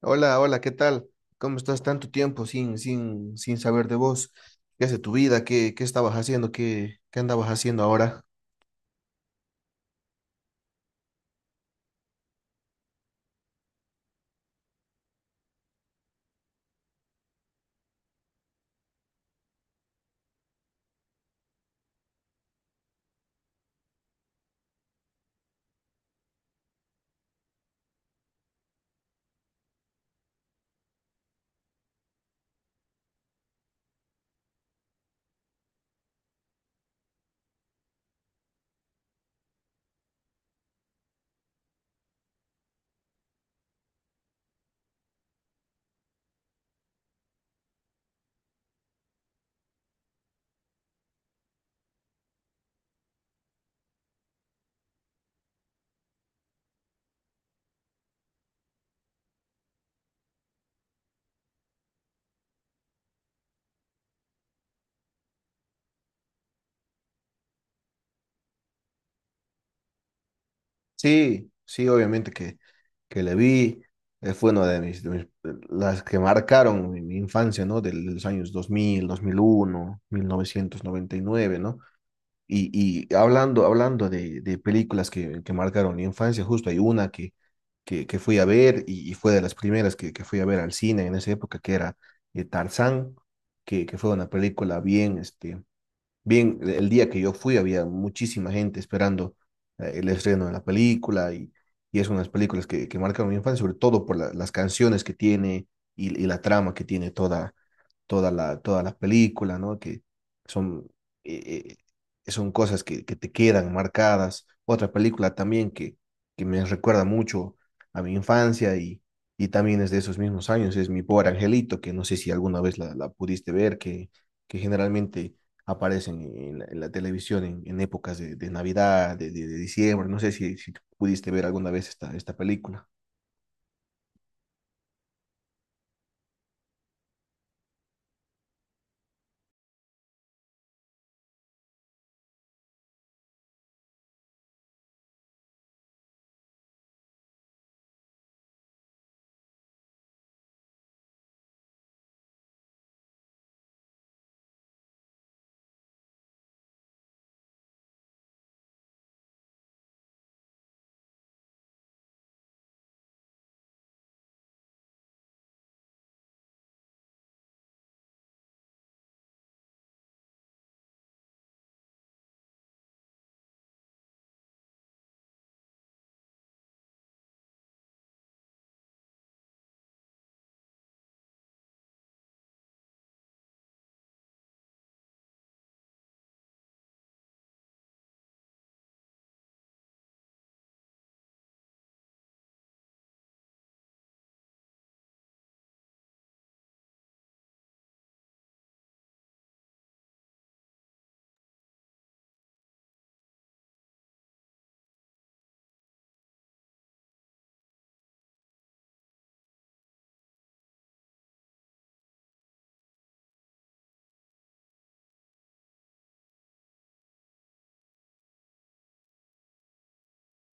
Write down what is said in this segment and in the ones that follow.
Hola, hola, ¿qué tal? ¿Cómo estás tanto tiempo sin saber de vos? ¿Qué hace tu vida? ¿Qué estabas haciendo? ¿Qué andabas haciendo ahora? Sí, sí, obviamente que le vi. Fue una las que marcaron mi infancia, ¿no? De los años dos mil, mil uno, 1999, ¿no? Y hablando de películas que marcaron mi infancia, justo hay una que fui a ver y fue de las primeras que fui a ver al cine en esa época, que era Tarzán, que fue una película bien, bien, el día que yo fui había muchísima gente esperando el estreno de la película y es una de las películas que marcaron mi infancia, sobre todo por las canciones que tiene y la trama que tiene todas las películas, ¿no? Que son, eh, son cosas que te quedan marcadas. Otra película también que me recuerda mucho a mi infancia y también es de esos mismos años, es Mi Pobre Angelito, que no sé si alguna vez la pudiste ver, que generalmente aparecen en la televisión en épocas de Navidad, de diciembre, no sé si pudiste ver alguna vez esta película.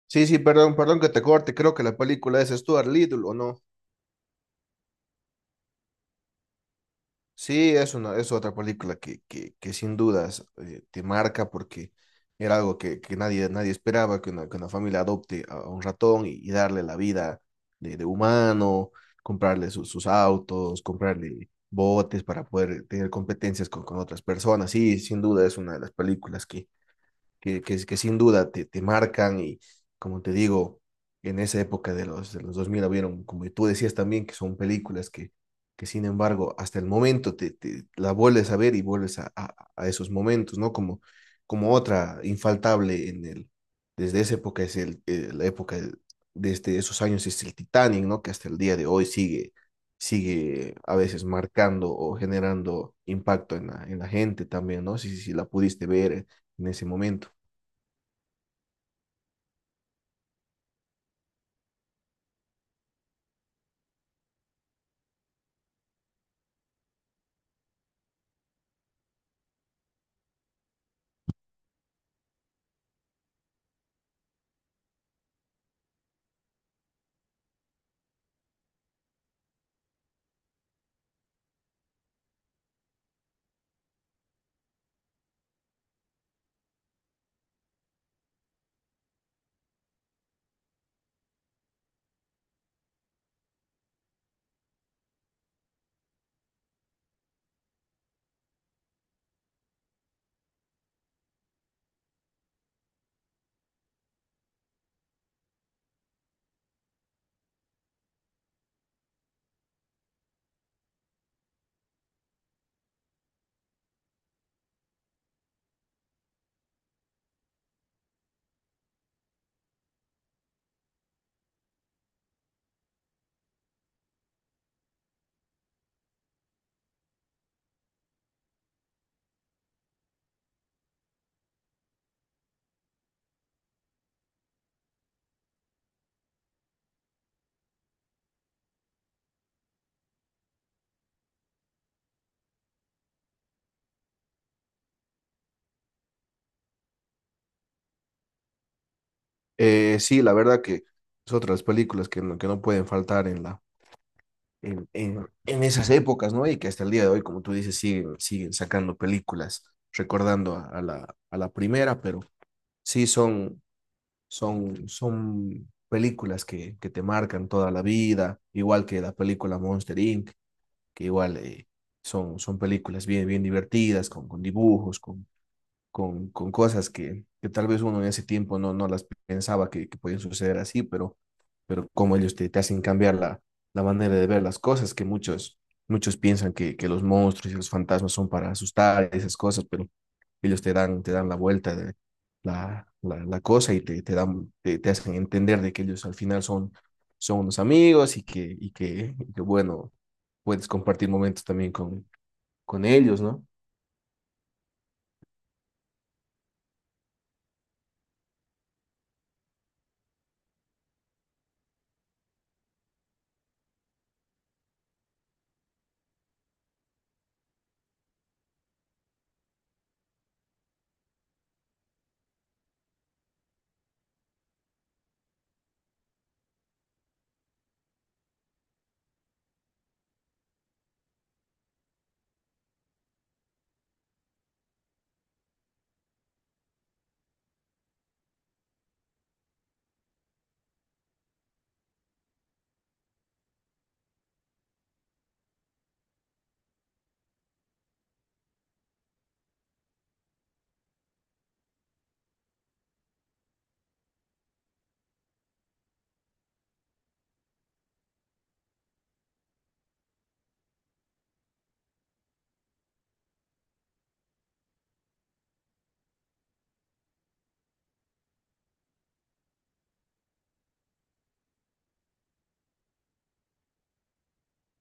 Sí, sí, perdón, perdón que te corte, creo que la película es Stuart Little, ¿o no? Sí, es otra película que sin dudas te marca porque era algo que nadie esperaba, que una familia adopte a un ratón y darle la vida de humano, comprarle sus autos, comprarle botes para poder tener competencias con otras personas. Sí, sin duda es una de las películas que sin duda te marcan y como te digo, en esa época de los 2000 habieron, como tú decías también, que son películas que sin embargo hasta el momento te la vuelves a ver y vuelves a esos momentos, ¿no? Como otra infaltable desde esa época es la época desde esos años es el Titanic, ¿no? Que hasta el día de hoy sigue a veces marcando o generando impacto en la gente también, ¿no? Si la pudiste ver en ese momento. Sí, la verdad que es otra de las películas que no pueden faltar en la, en esas épocas, ¿no? Y que hasta el día de hoy, como tú dices, siguen sacando películas, recordando a la primera, pero sí son películas que te marcan toda la vida, igual que la película Monster Inc., que igual son, películas bien, bien divertidas, con dibujos, con cosas que tal vez uno en ese tiempo no, no las pensaba que podían suceder así, pero como ellos te hacen cambiar la manera de ver las cosas, que muchos, muchos piensan que los monstruos y los fantasmas son para asustar y esas cosas, pero ellos te dan la vuelta de la cosa y te hacen entender de que ellos al final son, son unos amigos y bueno, puedes compartir momentos también con ellos, ¿no?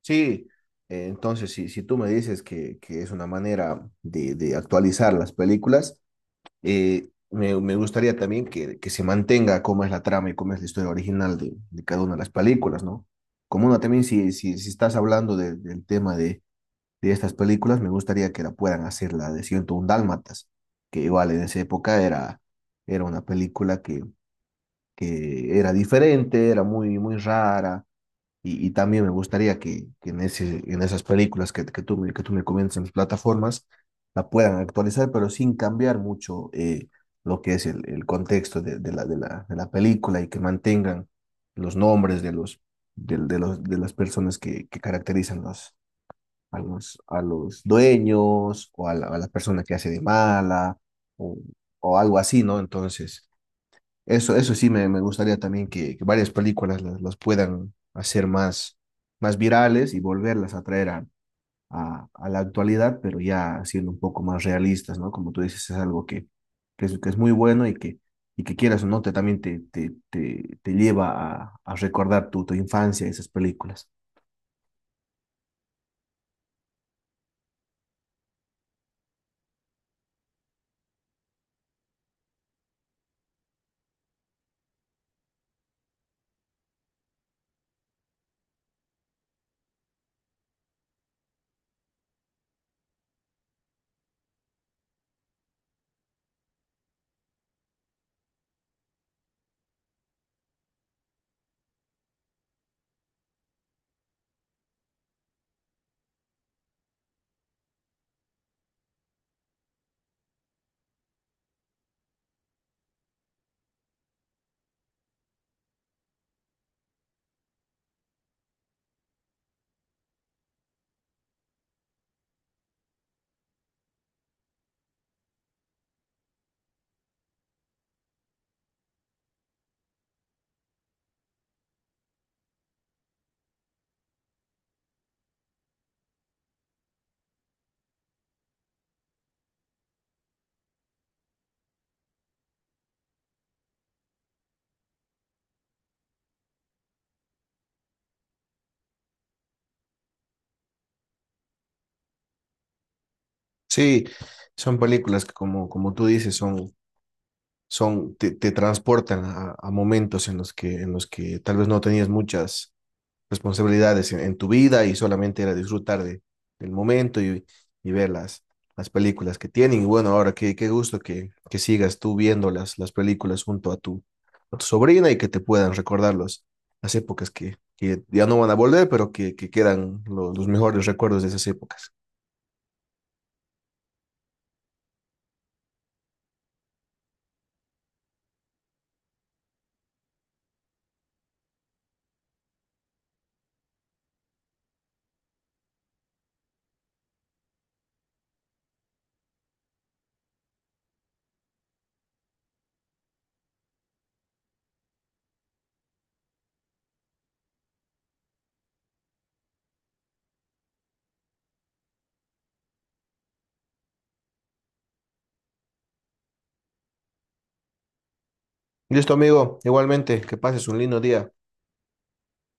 Sí, entonces si tú me dices que es una manera de actualizar las películas, me gustaría también que se mantenga cómo es la trama y cómo es la historia original de cada una de las películas, ¿no? Como una también, si estás hablando del tema de estas películas, me gustaría que la puedan hacer la de 101 Dálmatas, que igual en esa época era, era una película que era diferente, era muy, muy rara y también me gustaría que en esas películas que que tú me comentas en las plataformas, la puedan actualizar, pero sin cambiar mucho lo que es el contexto de la película y que mantengan los nombres de los, del- de, los, de las personas que caracterizan a los dueños o a la persona que hace de mala o, o algo así, ¿no? Entonces... Eso sí me gustaría también que varias películas las puedan hacer más, más virales y volverlas a traer a la actualidad, pero ya siendo un poco más realistas, ¿no? Como tú dices, es algo que es muy bueno y y que quieras o no, también te lleva a recordar tu infancia, esas películas. Sí, son películas que como tú dices, te transportan a momentos en los que tal vez no tenías muchas responsabilidades en tu vida y solamente era disfrutar de, del momento y ver las películas que tienen. Y bueno, ahora qué gusto que sigas tú viendo las películas junto a tu sobrina y que te puedan recordar las épocas que ya no van a volver, pero que quedan los mejores recuerdos de esas épocas. Listo, amigo. Igualmente, que pases un lindo día.